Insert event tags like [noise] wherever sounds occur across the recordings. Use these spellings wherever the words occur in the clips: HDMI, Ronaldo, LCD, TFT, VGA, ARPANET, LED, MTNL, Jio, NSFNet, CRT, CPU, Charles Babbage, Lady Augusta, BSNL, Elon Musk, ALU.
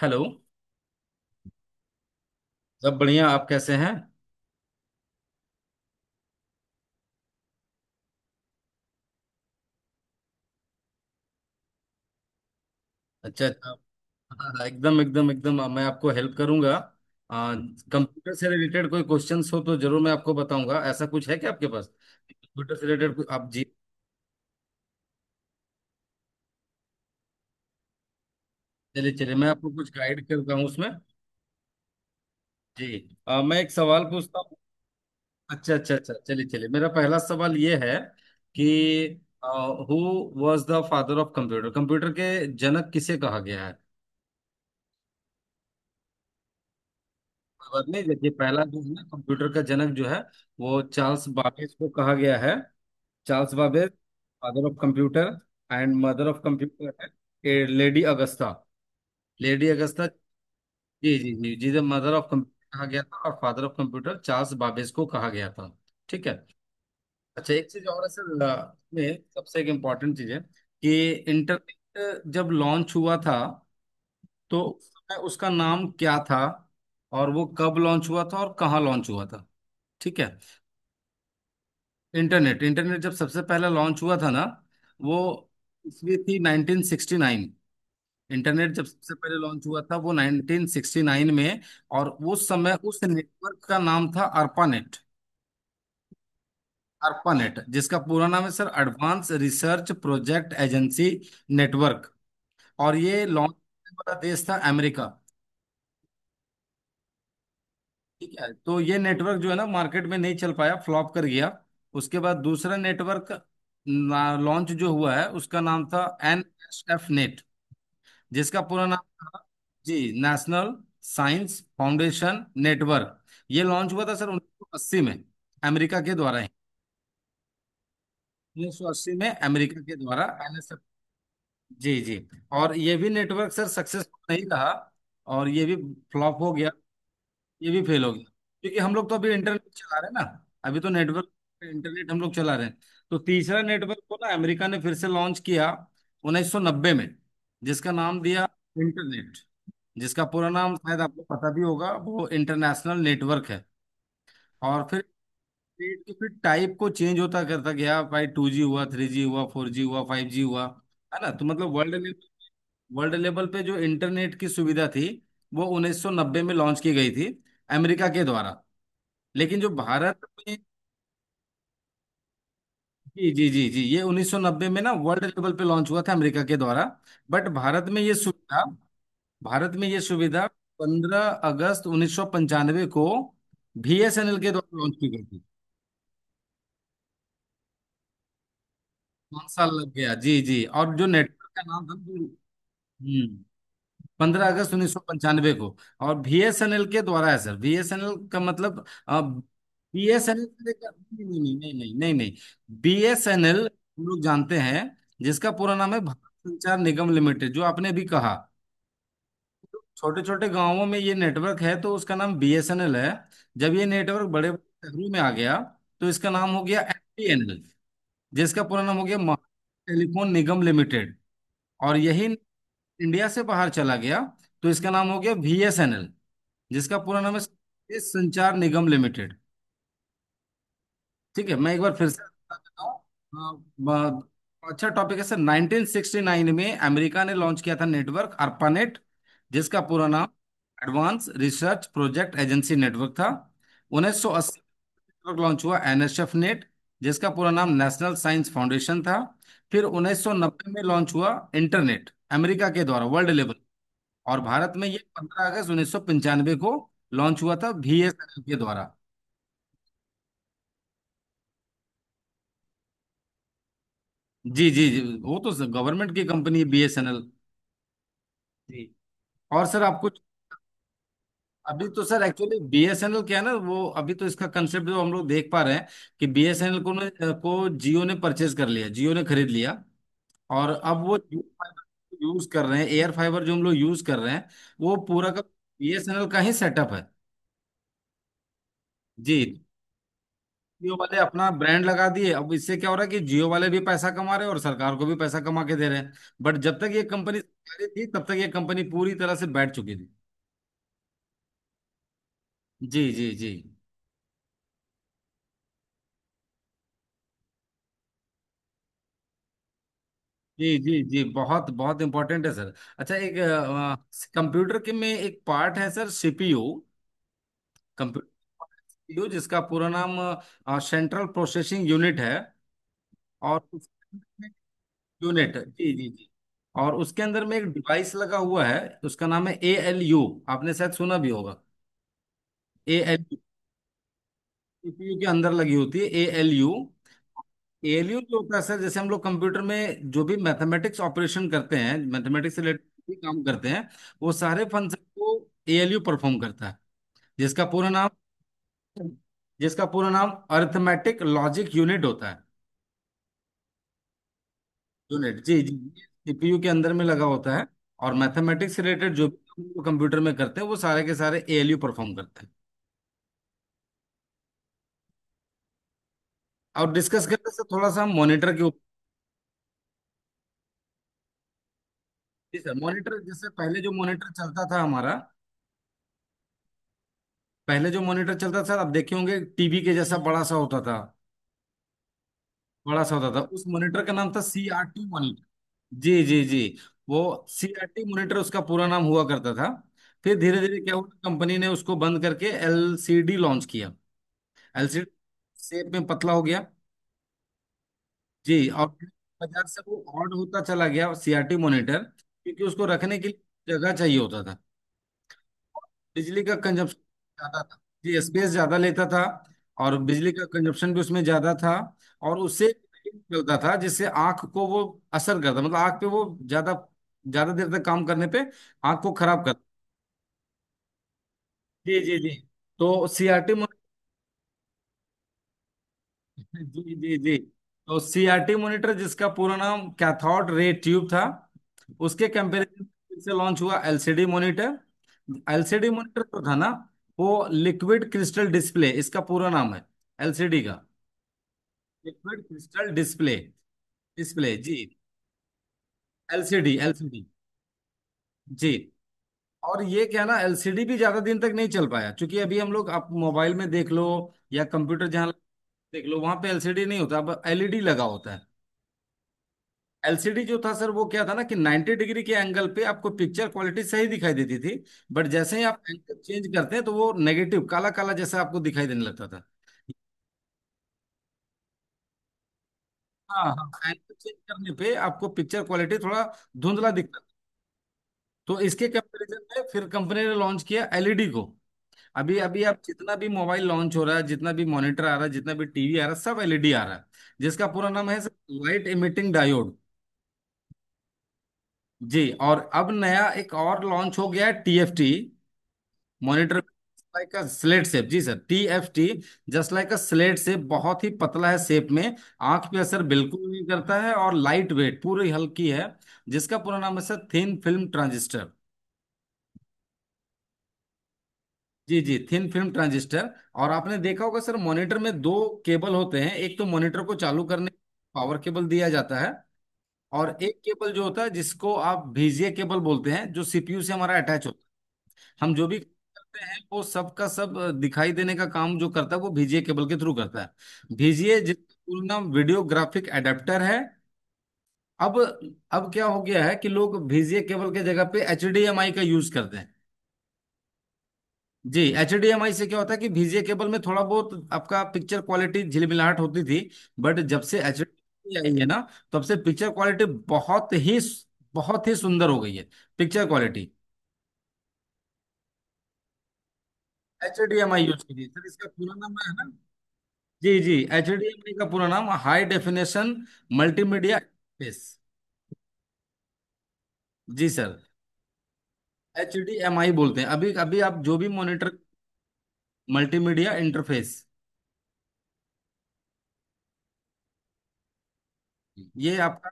Hello. सब बढ़िया, आप कैसे हैं? अच्छा अच्छा। हाँ, हाँ, एकदम एकदम एकदम, मैं आपको हेल्प करूंगा। कंप्यूटर से रिलेटेड कोई क्वेश्चंस हो तो जरूर मैं आपको बताऊंगा। ऐसा कुछ है क्या आपके पास? कंप्यूटर से रिलेटेड कुछ आप? जी। चलिए चलिए, मैं आपको कुछ गाइड करता हूँ उसमें। जी। मैं एक सवाल पूछता हूँ। अच्छा अच्छा अच्छा, चलिए चलिए, मेरा पहला सवाल ये है कि who was the father of computer? Computer के जनक किसे कहा गया है? कोई बात नहीं, देखिए पहला जो है ना, कंप्यूटर का जनक जो है वो चार्ल्स बाबेज को कहा गया है। Charles Babbage father of computer, and mother of computer है लेडी अगस्ता। Lady Augusta. जी जी जी जी, द मदर ऑफ कंप्यूटर कहा गया था और father of computer Charles Babbage को कहा गया था। ठीक है। अच्छा, एक चीज और है सर, में सबसे एक इम्पॉर्टेंट चीज है कि इंटरनेट जब लॉन्च हुआ था तो उस समय उसका नाम क्या था, और वो कब लॉन्च हुआ था और कहाँ लॉन्च हुआ था? ठीक है। इंटरनेट इंटरनेट जब सबसे पहला लॉन्च हुआ था ना, वो इसलिए थी 1969। इंटरनेट जब सबसे पहले लॉन्च हुआ था वो 1969 में। और उस समय उस नेटवर्क का नाम था अर्पानेट। अर्पानेट जिसका पूरा नाम है sir advance research project agency network. और ये लॉन्च करने वाला देश था अमेरिका। ठीक है, तो ये नेटवर्क जो है ना मार्केट में नहीं चल पाया, फ्लॉप कर गया। उसके बाद दूसरा नेटवर्क लॉन्च जो हुआ है उसका नाम था एन एस एफ नेट, जिसका पूरा नाम था जी नेशनल साइंस फाउंडेशन नेटवर्क। ये लॉन्च हुआ था सर 1980 में, अमेरिका के द्वारा ही। 1980 में अमेरिका के द्वारा एनएसएफ। जी जी। और ये भी नेटवर्क सर सक्सेसफुल नहीं रहा, और ये भी फ्लॉप हो गया, ये भी फेल हो गया। क्योंकि हम लोग तो अभी इंटरनेट चला रहे हैं ना, अभी तो नेटवर्क इंटरनेट हम लोग चला रहे हैं। तो तीसरा नेटवर्क को ना अमेरिका ने फिर से लॉन्च किया 1990 में, जिसका नाम दिया इंटरनेट, जिसका पूरा नाम शायद आपको पता भी होगा, वो इंटरनेशनल नेटवर्क है। और फिर नेट के फिर टाइप को चेंज होता करता गया भाई, टू जी हुआ, थ्री जी हुआ, फोर जी हुआ, फाइव जी हुआ, है ना? तो मतलब वर्ल्ड लेवल, वर्ल्ड लेवल पे जो इंटरनेट की सुविधा थी वो 1990 में लॉन्च की गई थी अमेरिका के द्वारा। लेकिन जो भारत में, जी जी जी जी, ये 1990 में ना वर्ल्ड लेवल पे लॉन्च हुआ था अमेरिका के द्वारा। बट भारत में ये सुविधा, भारत में ये सुविधा 15 अगस्त 1995 को बीएसएनएल के द्वारा लॉन्च की गई थी। पांच साल लग गया। जी जी। और जो नेटवर्क का नाम था जो- हम्म, पंद्रह अगस्त उन्नीस सौ पंचानवे को। और बीएसएनएल के द्वारा है सर। बीएसएनएल का मतलब बीएसएनएल, नहीं नहीं नहीं नहीं नहीं नहीं, बीएसएनएल हम लोग जानते हैं, जिसका पूरा नाम है भारत संचार निगम लिमिटेड, जो आपने अभी कहा। छोटे छोटे गांवों में ये नेटवर्क है तो उसका नाम बीएसएनएल है। जब ये नेटवर्क बड़े बड़े शहरों में आ गया तो इसका नाम हो गया एमटीएनएल, जिसका पूरा नाम हो गया महाराष्ट्र टेलीफोन निगम लिमिटेड। और यही इंडिया से बाहर चला गया तो इसका नाम हो गया बीएसएनएल, जिसका पूरा नाम है संचार निगम लिमिटेड। ठीक है, मैं एक बार फिर से बता देता हूँ। अ, ब- अच्छा टॉपिक है सर। 1969 में अमेरिका ने लॉन्च किया था नेटवर्क ARPANET, जिसका पूरा नाम advance research project agency network था। 1980 नेटवर्क लॉन्च हुआ एनएसएफ नेट, जिसका पूरा नाम नेशनल साइंस फाउंडेशन था। फिर 1990 में लॉन्च हुआ इंटरनेट, अमेरिका के द्वारा, वर्ल्ड लेवल। और भारत में ये 15 अगस्त 1995 को लॉन्च हुआ था बीएसएनएल के द्वारा। जी जी जी, वो तो गवर्नमेंट की कंपनी है बीएसएनएल। जी। और सर आप कुछ, अभी तो सर एक्चुअली बीएसएनएल क्या है ना, वो अभी तो इसका कंसेप्ट जो हम लोग देख पा रहे हैं कि बीएसएनएल को जियो ने परचेज कर लिया, जियो ने खरीद लिया। और अब वो जियो फाइबर यूज कर रहे हैं, एयर फाइबर जो हम लोग यूज कर रहे हैं वो पूरा का बीएसएनएल का ही सेटअप है। जी। जियो वाले अपना ब्रांड लगा दिए, अब इससे क्या हो रहा है कि जियो वाले भी पैसा कमा रहे हैं और सरकार को भी पैसा कमा के दे रहे हैं। बट जब तक ये कंपनी सरकारी थी तब तक ये कंपनी पूरी तरह से बैठ चुकी थी। जी जी जी जी जी जी, बहुत बहुत इम्पोर्टेंट है सर। अच्छा, एक कंप्यूटर के में एक पार्ट है सर, सीपीयू। कंप्यूटर सीपीयू जिसका पूरा नाम सेंट्रल प्रोसेसिंग यूनिट है। और यूनिट, जी जी जी। और उसके अंदर में एक डिवाइस लगा हुआ है, उसका नाम है ए एल यू, आपने शायद सुना भी होगा। ए, सीपीयू के अंदर लगी होती है एएलयू। एएलयू जो होता है सर, जैसे हम लोग कंप्यूटर में जो भी मैथमेटिक्स ऑपरेशन करते हैं, मैथमेटिक्स से रिलेटेड भी काम करते हैं, वो सारे फंक्शन को एएलयू परफॉर्म करता है। जिसका पूरा नाम जिसका पूरा नाम अरिथमेटिक लॉजिक यूनिट होता है। यूनिट जी जी। सीपीयू के अंदर में लगा होता है, और मैथमेटिक्स से रिलेटेड जो भी काम हम लोग कंप्यूटर में करते हैं वो सारे के सारे एएलयू परफॉर्म करते हैं। और डिस्कस करते सर थोड़ा सा हम मॉनिटर के ऊपर। जी सर, मॉनिटर जैसे पहले जो मॉनिटर चलता था हमारा, पहले जो मॉनिटर चलता था, आप देखे होंगे टीवी के जैसा बड़ा सा होता था, बड़ा सा होता था, उस मॉनिटर का नाम था सी आर टी मॉनिटर। जी जी जी। वो सी आर टी मॉनिटर उसका पूरा नाम हुआ करता था। फिर धीरे धीरे क्या हुआ, कंपनी ने उसको बंद करके एल सी डी लॉन्च किया। एलसीडी शेप में पतला हो गया। जी, और फिर बाजार से वो ऑड होता चला गया सीआरटी मॉनिटर, क्योंकि उसको रखने के लिए जगह चाहिए होता था, बिजली का कंजप्शन ज्यादा था। जी, स्पेस ज्यादा लेता था और बिजली का कंजप्शन भी उसमें ज्यादा था। और उससे चलता था जिससे आंख को वो असर करता, मतलब आंख पे वो ज्यादा, ज्यादा देर तक काम करने पे आंख को खराब करता। जी जी जी। तो सीआरटी जी जी जी, तो सीआरटी मॉनिटर जिसका पूरा नाम कैथोड रे ट्यूब था। उसके कंपैरिजन फिर से लॉन्च हुआ एलसीडी मॉनिटर। एलसीडी मॉनिटर जो था ना, वो लिक्विड क्रिस्टल डिस्प्ले, इसका पूरा नाम है, एलसीडी का, लिक्विड क्रिस्टल डिस्प्ले, डिस्प्ले जी। एलसीडी एलसीडी जी। और ये क्या ना, एलसीडी भी ज्यादा दिन तक नहीं चल पाया, क्योंकि अभी हम लोग आप मोबाइल में देख लो या कंप्यूटर जहाँ देख लो वहां पे एलसीडी नहीं होता, अब एलईडी लगा होता है। एलसीडी जो था सर वो क्या था ना कि 90 डिग्री के एंगल पे आपको पिक्चर क्वालिटी सही दिखाई देती थी, बट जैसे ही आप एंगल चेंज करते हैं तो वो नेगेटिव, काला काला जैसा आपको दिखाई देने लगता था। हाँ हाँ, एंगल चेंज करने पे आपको पिक्चर क्वालिटी थोड़ा धुंधला दिखता था। तो इसके कंपैरिजन में फिर कंपनी ने लॉन्च किया एलईडी को। अभी अभी आप जितना भी मोबाइल लॉन्च हो रहा है, जितना भी मॉनिटर आ रहा है, जितना भी टीवी आ रहा है, सब एलईडी आ रहा है, जिसका पूरा नाम है लाइट इमिटिंग डायोड। जी, और अब नया एक और लॉन्च हो गया है, TFT monitor, like a slate shape. जी sir, T F T, just like a slate shape, बहुत ही पतला है शेप में, आंख पे असर बिल्कुल नहीं करता है, और लाइट वेट, पूरी हल्की है। जिसका पूरा नाम है सर थिन फिल्म ट्रांजिस्टर। जी जी, थिन फिल्म ट्रांजिस्टर। और आपने देखा होगा सर मॉनिटर में दो केबल होते हैं, एक तो मॉनिटर को चालू करने पावर केबल दिया जाता है, और एक केबल जो होता है जिसको आप बीजीए केबल बोलते हैं, जो सीपीयू से हमारा अटैच होता है। हम जो भी करते हैं वो सब का सब, दिखाई देने का काम जो करता है वो बीजीए केबल के थ्रू करता है। बीजीए जिसका पूरा नाम वीडियो ग्राफिक एडेप्टर है। अब अब क्या हो गया है कि लोग बीजीए केबल के जगह पे एचडीएमआई का यूज करते हैं। जी, एचडीएमआई से क्या होता है कि बीजीए केबल में थोड़ा बहुत आपका पिक्चर क्वालिटी झिलमिलाहट होती थी, बट जब से एचडी आई है ना, तब से पिक्चर क्वालिटी बहुत ही, बहुत ही सुंदर हो गई है पिक्चर क्वालिटी। एचडीएमआई यूज कीजिए सर, इसका पूरा नाम है ना, जी जी। एचडीएमआई का पूरा नाम हाई डेफिनेशन मल्टीमीडिया इंटरफेस। जी सर। एचडीएमआई बोलते हैं, अभी अभी आप जो भी मॉनिटर, मल्टीमीडिया इंटरफेस ये आपका।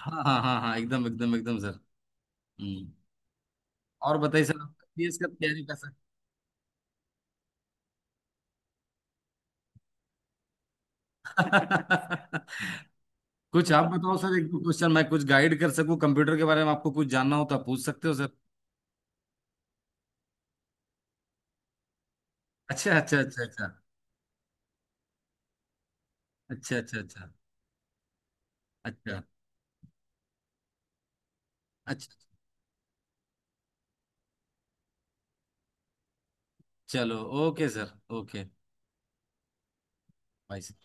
हाँ हाँ हाँ हाँ, एकदम एकदम एकदम सर। हम्म। और बताइए सर आपका पीएस का तैयारी कैसा? [laughs] कुछ आप बताओ सर, एक दो क्वेश्चन मैं कुछ गाइड कर सकूं, कंप्यूटर के बारे में आपको कुछ जानना हो तो आप पूछ सकते हो सर। अच्छा अच्छा अच्छा अच्छा, अच्छा अच्छा अच्छा अच्छा अच्छा। चलो, okay sir. Okay bye sir.